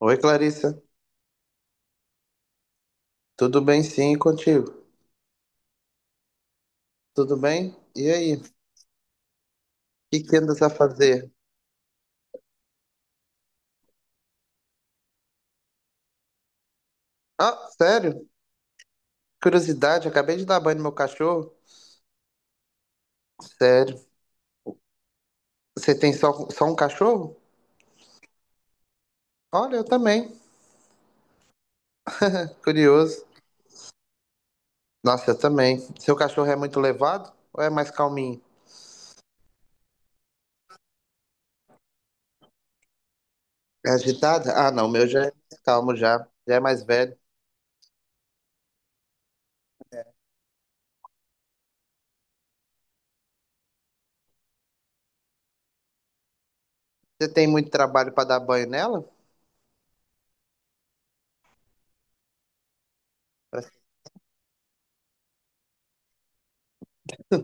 Oi, Clarissa. Tudo bem, sim, e contigo? Tudo bem? E aí? O que que andas a fazer? Ah, sério? Curiosidade, acabei de dar banho no meu cachorro. Sério? Você tem só um cachorro? Olha, eu também. Curioso. Nossa, eu também. Seu cachorro é muito levado ou é mais calminho? É agitado? Ah, não, o meu já é mais calmo já. Já é mais velho. Você tem muito trabalho pra dar banho nela? Pra,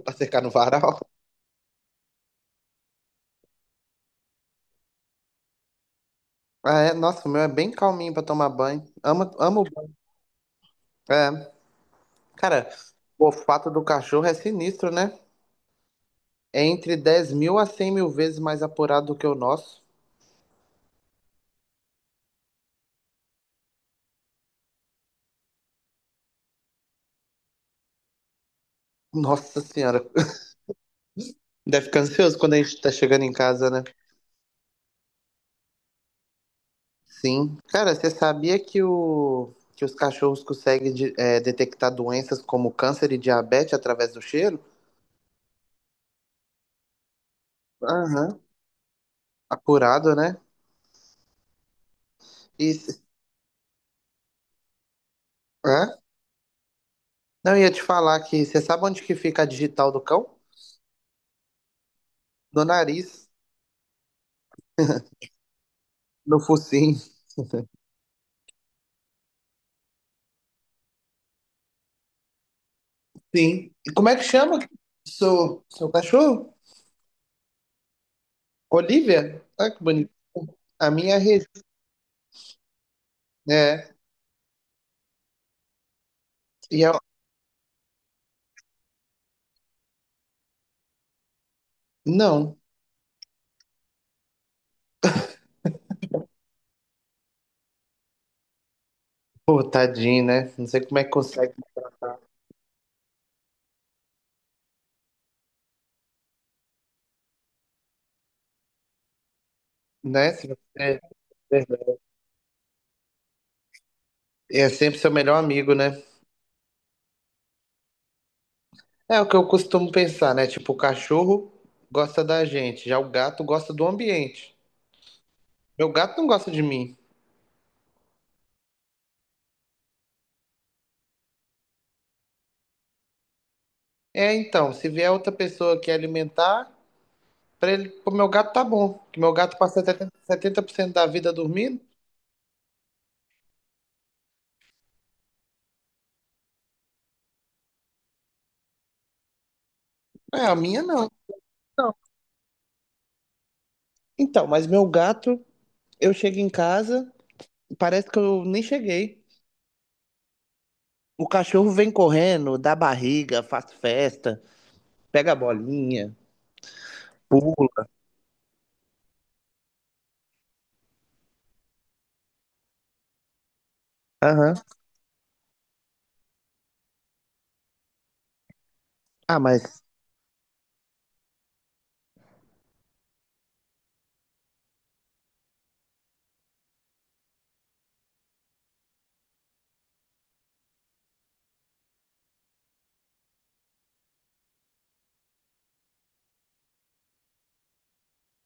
pra secar no varal? Ah, é? Nossa, o meu é bem calminho pra tomar banho. Amo, amo banho. É. Cara, o olfato do cachorro é sinistro, né? É entre 10.000 a 100.000 vezes mais apurado do que o nosso. Nossa senhora. Deve ficar ansioso quando a gente tá chegando em casa, né? Sim. Cara, você sabia que, o, que os cachorros conseguem detectar doenças como câncer e diabetes através do cheiro? Aham. Apurado, né? E, hã? Não, eu ia te falar que você sabe onde que fica a digital do cão? No nariz, no focinho. Sim. E como é que chama seu cachorro? Olivia? Ah, que bonito. A minha rede, né? E eu... Não. Pô, tadinho, né? Não sei como é que consegue, né? Se você- é sempre seu melhor amigo, né? É o que eu costumo pensar, né? Tipo, o cachorro gosta da gente, já o gato gosta do ambiente. Meu gato não gosta de mim. É, então, se vier outra pessoa que alimentar, pra ele, pro meu gato tá bom. Que meu gato passa setenta por cento da vida dormindo. É, a minha não. Não. Então, mas meu gato, eu chego em casa. Parece que eu nem cheguei. O cachorro vem correndo, dá barriga, faz festa, pega a bolinha, pula. Aham. Ah, mas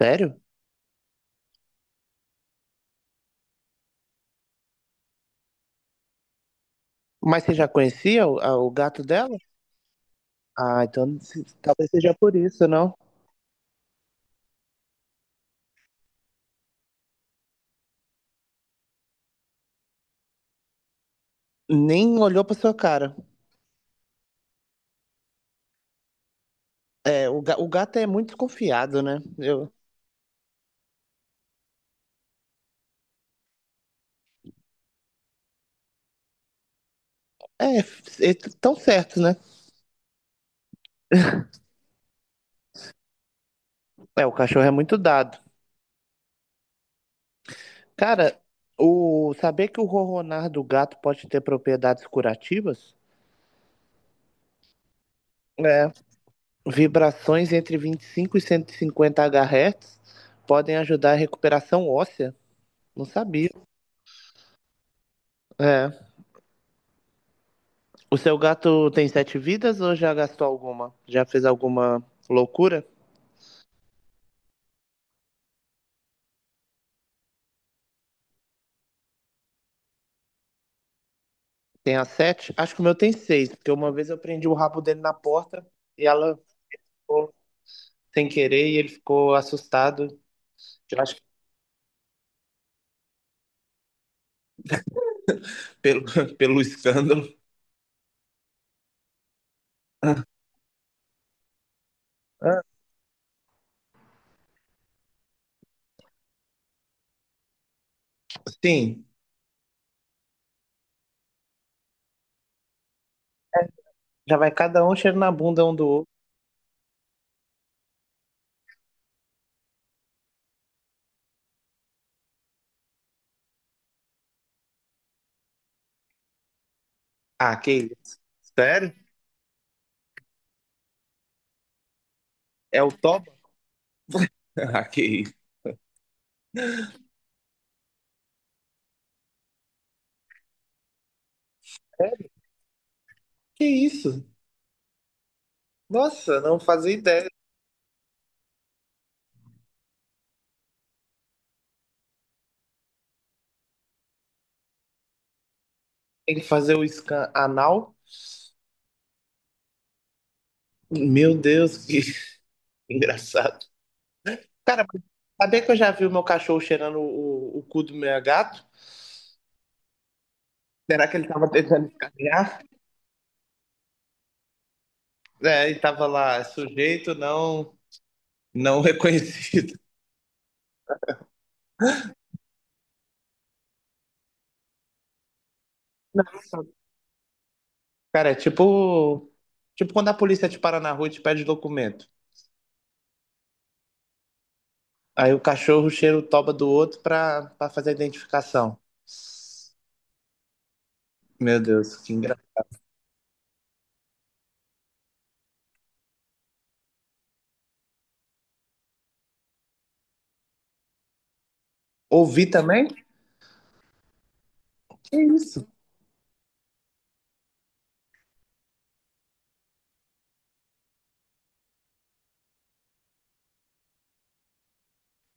sério? Mas você já conhecia o gato dela? Ah, então se- talvez seja por isso, não? Nem olhou pra sua cara. É, o gato é muito desconfiado, né? Eu, é, eles tão certo, né? É, o cachorro é muito dado. Cara, o saber que o ronronar do gato pode ter propriedades curativas? É, vibrações entre 25 e 150 Hz podem ajudar a recuperação óssea. Não sabia. É. O seu gato tem sete vidas ou já gastou alguma? Já fez alguma loucura? Tem a sete? Acho que o meu tem seis, porque uma vez eu prendi o rabo dele na porta e ela ficou sem querer e ele ficou assustado. Eu acho que pelo, pelo escândalo. Ah, sim, já vai cada um cheiro na bunda um do outro. Ah, que isso. Sério? É o Toba? Ah, que isso. É, que isso? Nossa, não fazia ideia. Tem que fazer o scan anal. Meu Deus, que engraçado. Cara, mas sabia que eu já vi o meu cachorro cheirando o cu do meu gato? Será que ele tava tentando escanear? É, e tava lá, é sujeito não, não reconhecido. Nossa, cara, é tipo, tipo quando a polícia te para na rua e te pede documento. Aí o cachorro cheira o toba do outro pra, pra fazer a identificação. Meu Deus, que engraçado. Ouvi também? Que isso?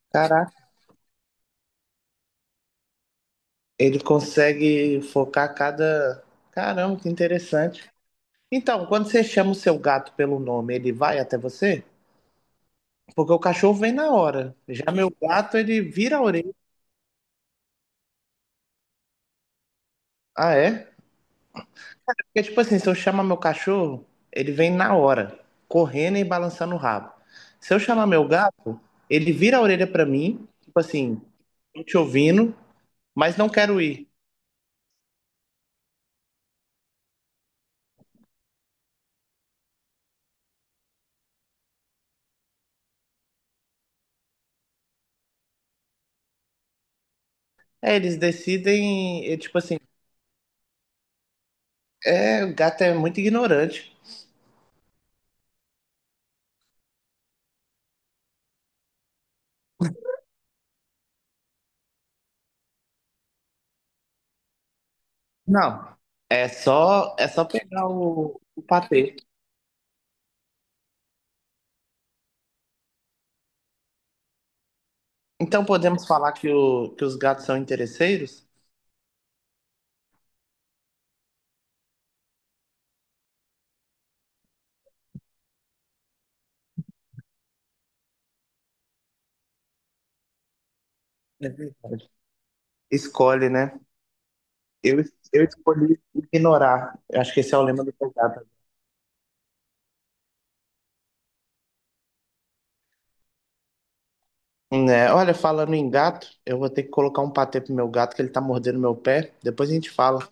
Caraca, ele consegue focar cada. Caramba, que interessante. Então, quando você chama o seu gato pelo nome, ele vai até você? Porque o cachorro vem na hora. Já meu gato, ele vira a orelha. Ah, é? Porque, tipo assim, se eu chamar meu cachorro, ele vem na hora, correndo e balançando o rabo. Se eu chamar meu gato, ele vira a orelha pra mim, tipo assim, tô te ouvindo, mas não quero ir. É, eles decidem, é, tipo assim, é, o gato é muito ignorante. Não, é só pegar o patê. Então podemos falar que, o, que os gatos são interesseiros? Uhum. Escolhe, né? Eu, eu escolhi ignorar. Eu acho que esse é o lema do meu gato. Né? Olha, falando em gato, eu vou ter que colocar um patê pro meu gato, que ele tá mordendo meu pé. Depois a gente fala.